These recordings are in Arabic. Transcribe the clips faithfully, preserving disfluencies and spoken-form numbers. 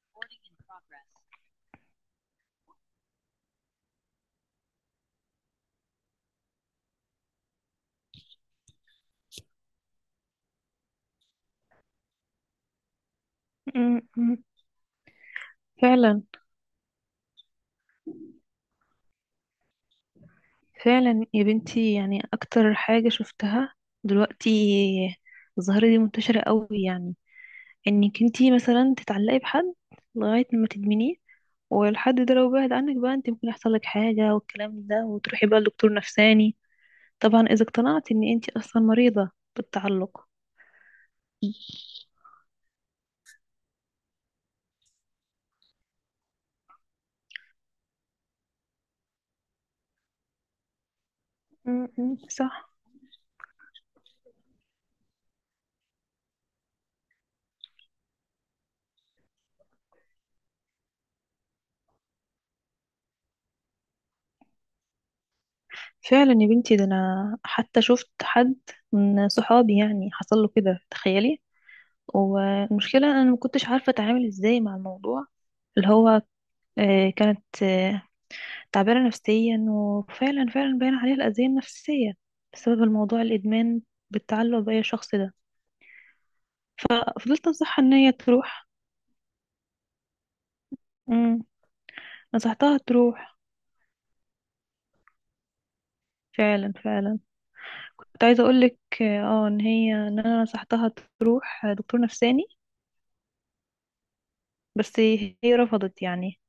Recording in progress. م- م. فعلا فعلا يا بنتي، يعني اكتر حاجة شفتها دلوقتي الظاهرة دي منتشرة قوي، يعني انك انتي مثلا تتعلقي بحد لغاية ما تدمنيه، والحد ده لو بعد عنك بقى انت ممكن يحصل لك حاجة والكلام ده، وتروحي بقى لدكتور نفساني، طبعا اذا اقتنعت ان انتي اصلا مريضة بالتعلق. م- م. صح. فعلا يا بنتي، ده انا حتى شفت حد من صحابي يعني حصل له كده، تخيلي. والمشكلة أنا ما كنتش عارفة أتعامل إزاي مع الموضوع، اللي هو آه، كانت آه، تعبانة نفسيا، وفعلا فعلا باين عليها الأذية النفسية بسبب الموضوع، الإدمان بالتعلق بأي شخص ده. ففضلت أنصحها إن هي تروح. مم. نصحتها تروح. فعلا فعلا كنت عايزة أقولك، اه آه، إن هي إن أنا نصحتها تروح دكتور نفساني، بس هي رفضت يعني.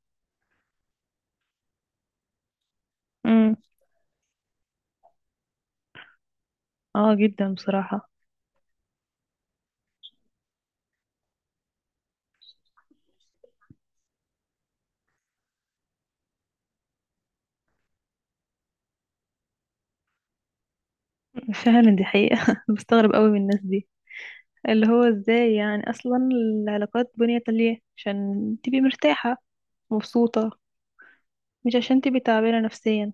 مم. اه جدا بصراحة. فعلا دي حقيقة بستغرب قوي من الناس دي، اللي هو ازاي يعني اصلا العلاقات بنيت ليه؟ عشان تبقي مرتاحة مبسوطة، مش عشان تبقي تعبانة نفسيا.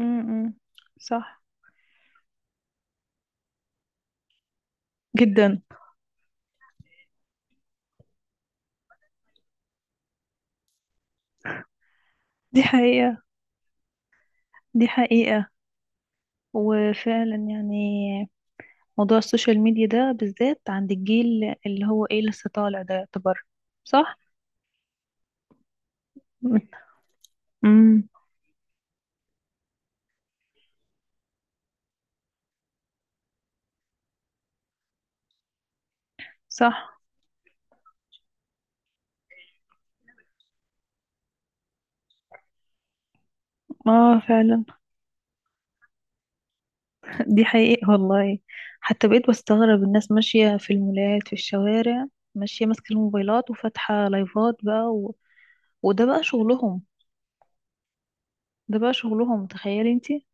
امم صح. جدا. دي حقيقة. دي حقيقة. وفعلا يعني موضوع السوشيال ميديا ده بالذات عند الجيل اللي هو ايه لسه طالع ده يعتبر صح. امم صح. اه فعلا، دي حقيقة والله. حتى بقيت بستغرب الناس ماشية في المولات في الشوارع، ماشية ماسكة الموبايلات وفاتحة لايفات بقى و... وده بقى شغلهم. ده بقى شغلهم، تخيلي انتي.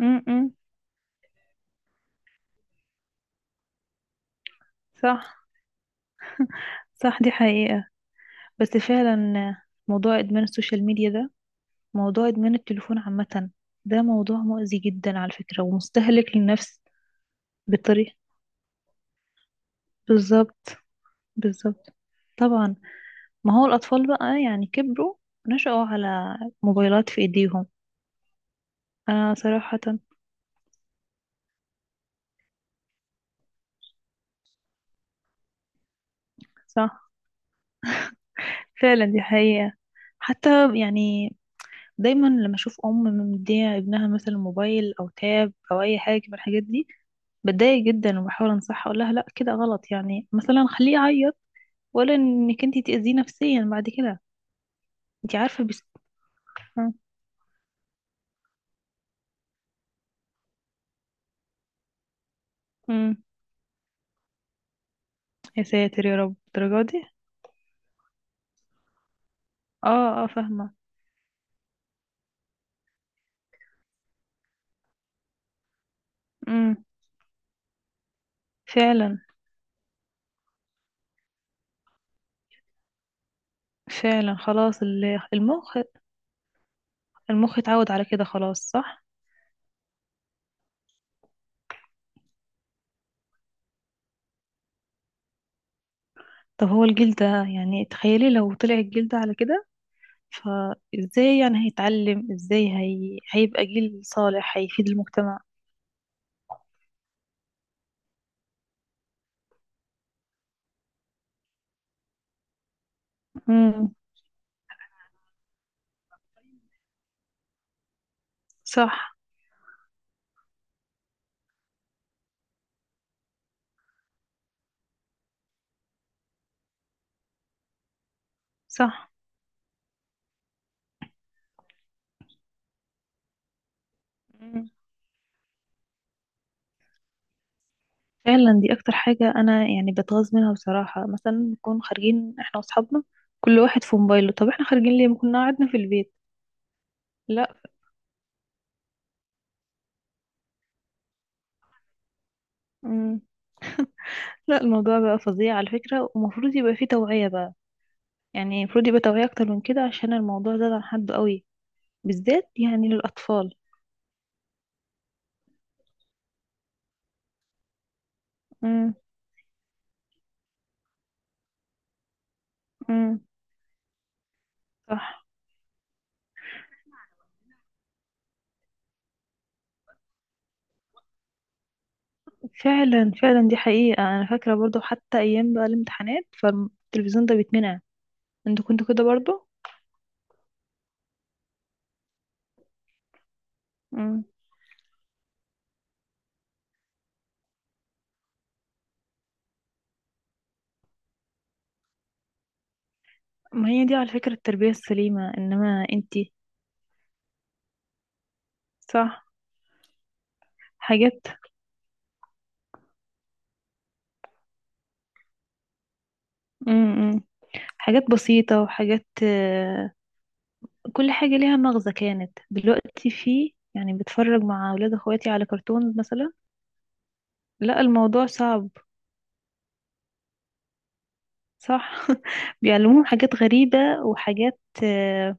امم صح. صح دي حقيقة. بس فعلا موضوع إدمان السوشيال ميديا ده، موضوع إدمان التليفون عامة، ده موضوع مؤذي جدا على فكرة، ومستهلك للنفس بطريقة. بالظبط. بالظبط. طبعا، ما هو الأطفال بقى يعني كبروا، نشأوا على موبايلات في إيديهم. آه صراحة. صح فعلا، دي حقيقة. حتى يعني دايما لما أشوف أم مدية ابنها مثلا موبايل أو تاب أو أي حاجة من الحاجات دي، بتضايق جدا، وبحاول أنصحها أقول لها لأ، كده غلط يعني، مثلا خليه يعيط ولا إنك أنتي تأذيه نفسيا بعد كده، أنتي عارفة بس. آه. أمم. يا ساتر يا رب، الدرجة دي؟ اه اه فاهمة. أمم. فعلا فعلا، خلاص ال- المخ، المخ اتعود على كده خلاص، صح. طب هو الجيل ده، يعني تخيلي لو طلع الجيل ده على كده، فازاي يعني هيتعلم؟ ازاي هي... هيبقى جيل صالح هيفيد المجتمع؟ امم صح. صح. مم. فعلا، دي اكتر حاجة انا يعني بتغاظ منها بصراحة، مثلا نكون خارجين احنا واصحابنا كل واحد في موبايله، طب احنا خارجين ليه؟ ما كنا قعدنا في البيت. لا. مم. لا، الموضوع بقى فظيع على فكرة، ومفروض يبقى فيه توعية بقى. يعني المفروض يبقى توعية اكتر من كده، عشان الموضوع زاد عن حده قوي، بالذات يعني للأطفال. امم. امم. صح. فعلا فعلا، دي حقيقة. أنا فاكرة برضو حتى أيام بقى الامتحانات فالتلفزيون ده بيتمنع. انتوا كنتوا كده برضو؟ امم ما هي دي على فكرة التربية السليمة، انما انتي صح، حاجات. امم امم، حاجات بسيطة وحاجات آه، كل حاجة ليها مغزى كانت. دلوقتي في يعني بتفرج مع أولاد أخواتي على كرتون مثلا، لا الموضوع صعب. صح. بيعلموهم حاجات غريبة وحاجات آه،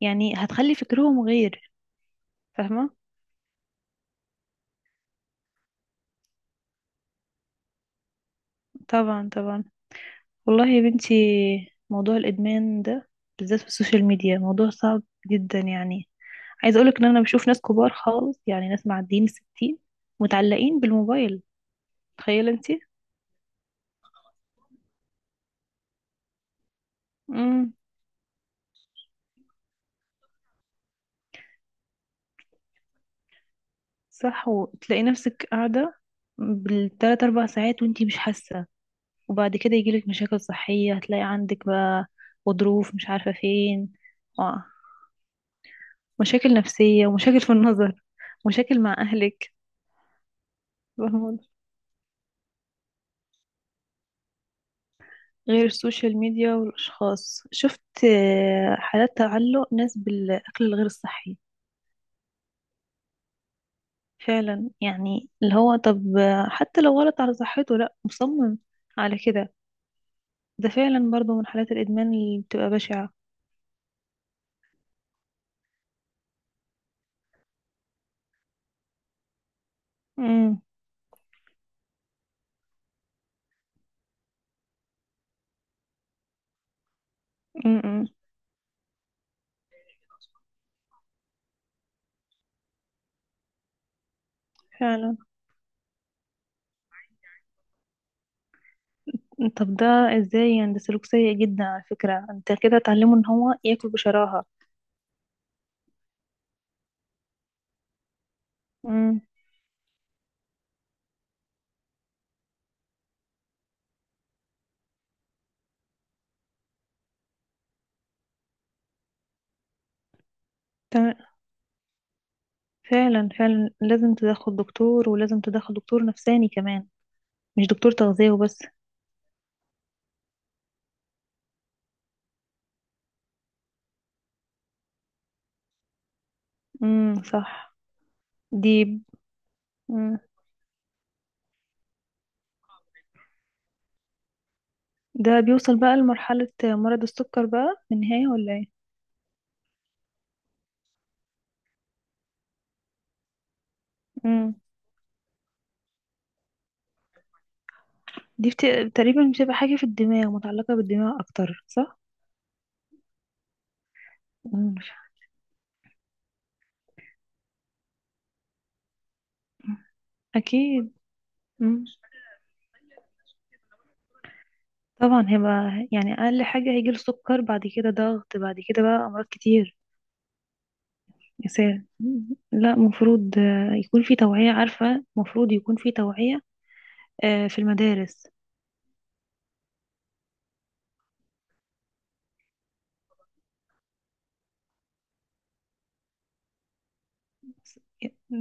يعني هتخلي فكرهم غير. فاهمة؟ طبعا طبعا. والله يا بنتي، موضوع الإدمان ده بالذات في السوشيال ميديا موضوع صعب جدا يعني. عايزة أقولك إن أنا بشوف ناس كبار خالص، يعني ناس معديين الستين متعلقين بالموبايل، تخيلي انتي. امم صح. وتلاقي نفسك قاعدة بالتلات أربع ساعات وانتي مش حاسة، وبعد كده يجيلك مشاكل صحية، هتلاقي عندك بقى غضروف مش عارفة فين، مشاكل نفسية ومشاكل في النظر، مشاكل مع أهلك. فاهمة؟ غير السوشيال ميديا والأشخاص، شفت آه، حالات تعلق ناس بالأكل الغير الصحي. فعلا يعني اللي هو، طب آه، حتى لو غلط على صحته لأ، مصمم على كده. ده فعلا برضو من حالات الإدمان اللي بتبقى بشعة. امم. امم. فعلا. طب ده ازاي يعني؟ ده سلوك سيء جدا على فكرة، انت كده تعلمه ان هو ياكل بشراهة. امم فعلا فعلا، لازم تدخل دكتور، ولازم تدخل دكتور نفساني كمان، مش دكتور تغذية وبس. امم صح. دي مم. ده بيوصل بقى لمرحلة مرض السكر بقى في النهاية ولا ايه؟ امم دي بت... تقريبا بتبقى حاجة في الدماغ، متعلقة بالدماغ أكتر، صح؟ مم. أكيد. مم. طبعا هيبقى، يعني أقل حاجة هيجيله سكر، بعد كده ضغط، بعد كده بقى أمراض كتير. يا ساتر. مم. لا مفروض آه، يكون في توعية، عارفة؟ مفروض يكون في توعية آه في المدارس.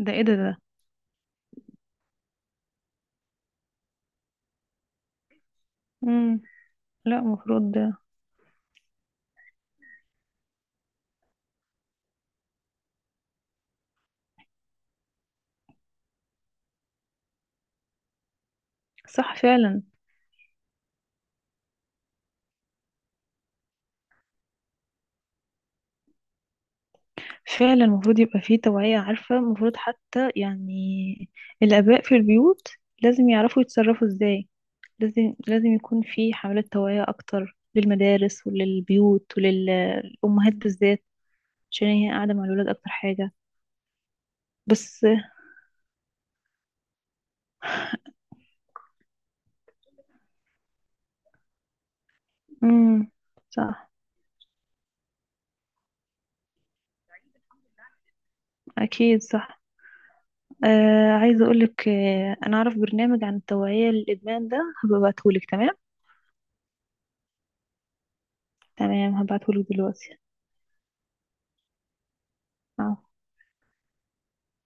ده ايه ده ده مم. لا، المفروض ده صح فعلا. فعلا المفروض يبقى فيه توعية، عارفة؟ المفروض حتى يعني الآباء في البيوت لازم يعرفوا يتصرفوا ازاي. لازم لازم يكون في حملات توعية أكتر للمدارس وللبيوت وللأمهات بالذات، عشان هي قاعدة مع الولاد أكتر حاجة. بس. امم صح. أكيد صح. آه عايزة أقولك، آه أنا أعرف برنامج عن التوعية للإدمان ده، هبقى أبعتهولك. تمام. تمام، هبعتهولك دلوقتي. عفوا.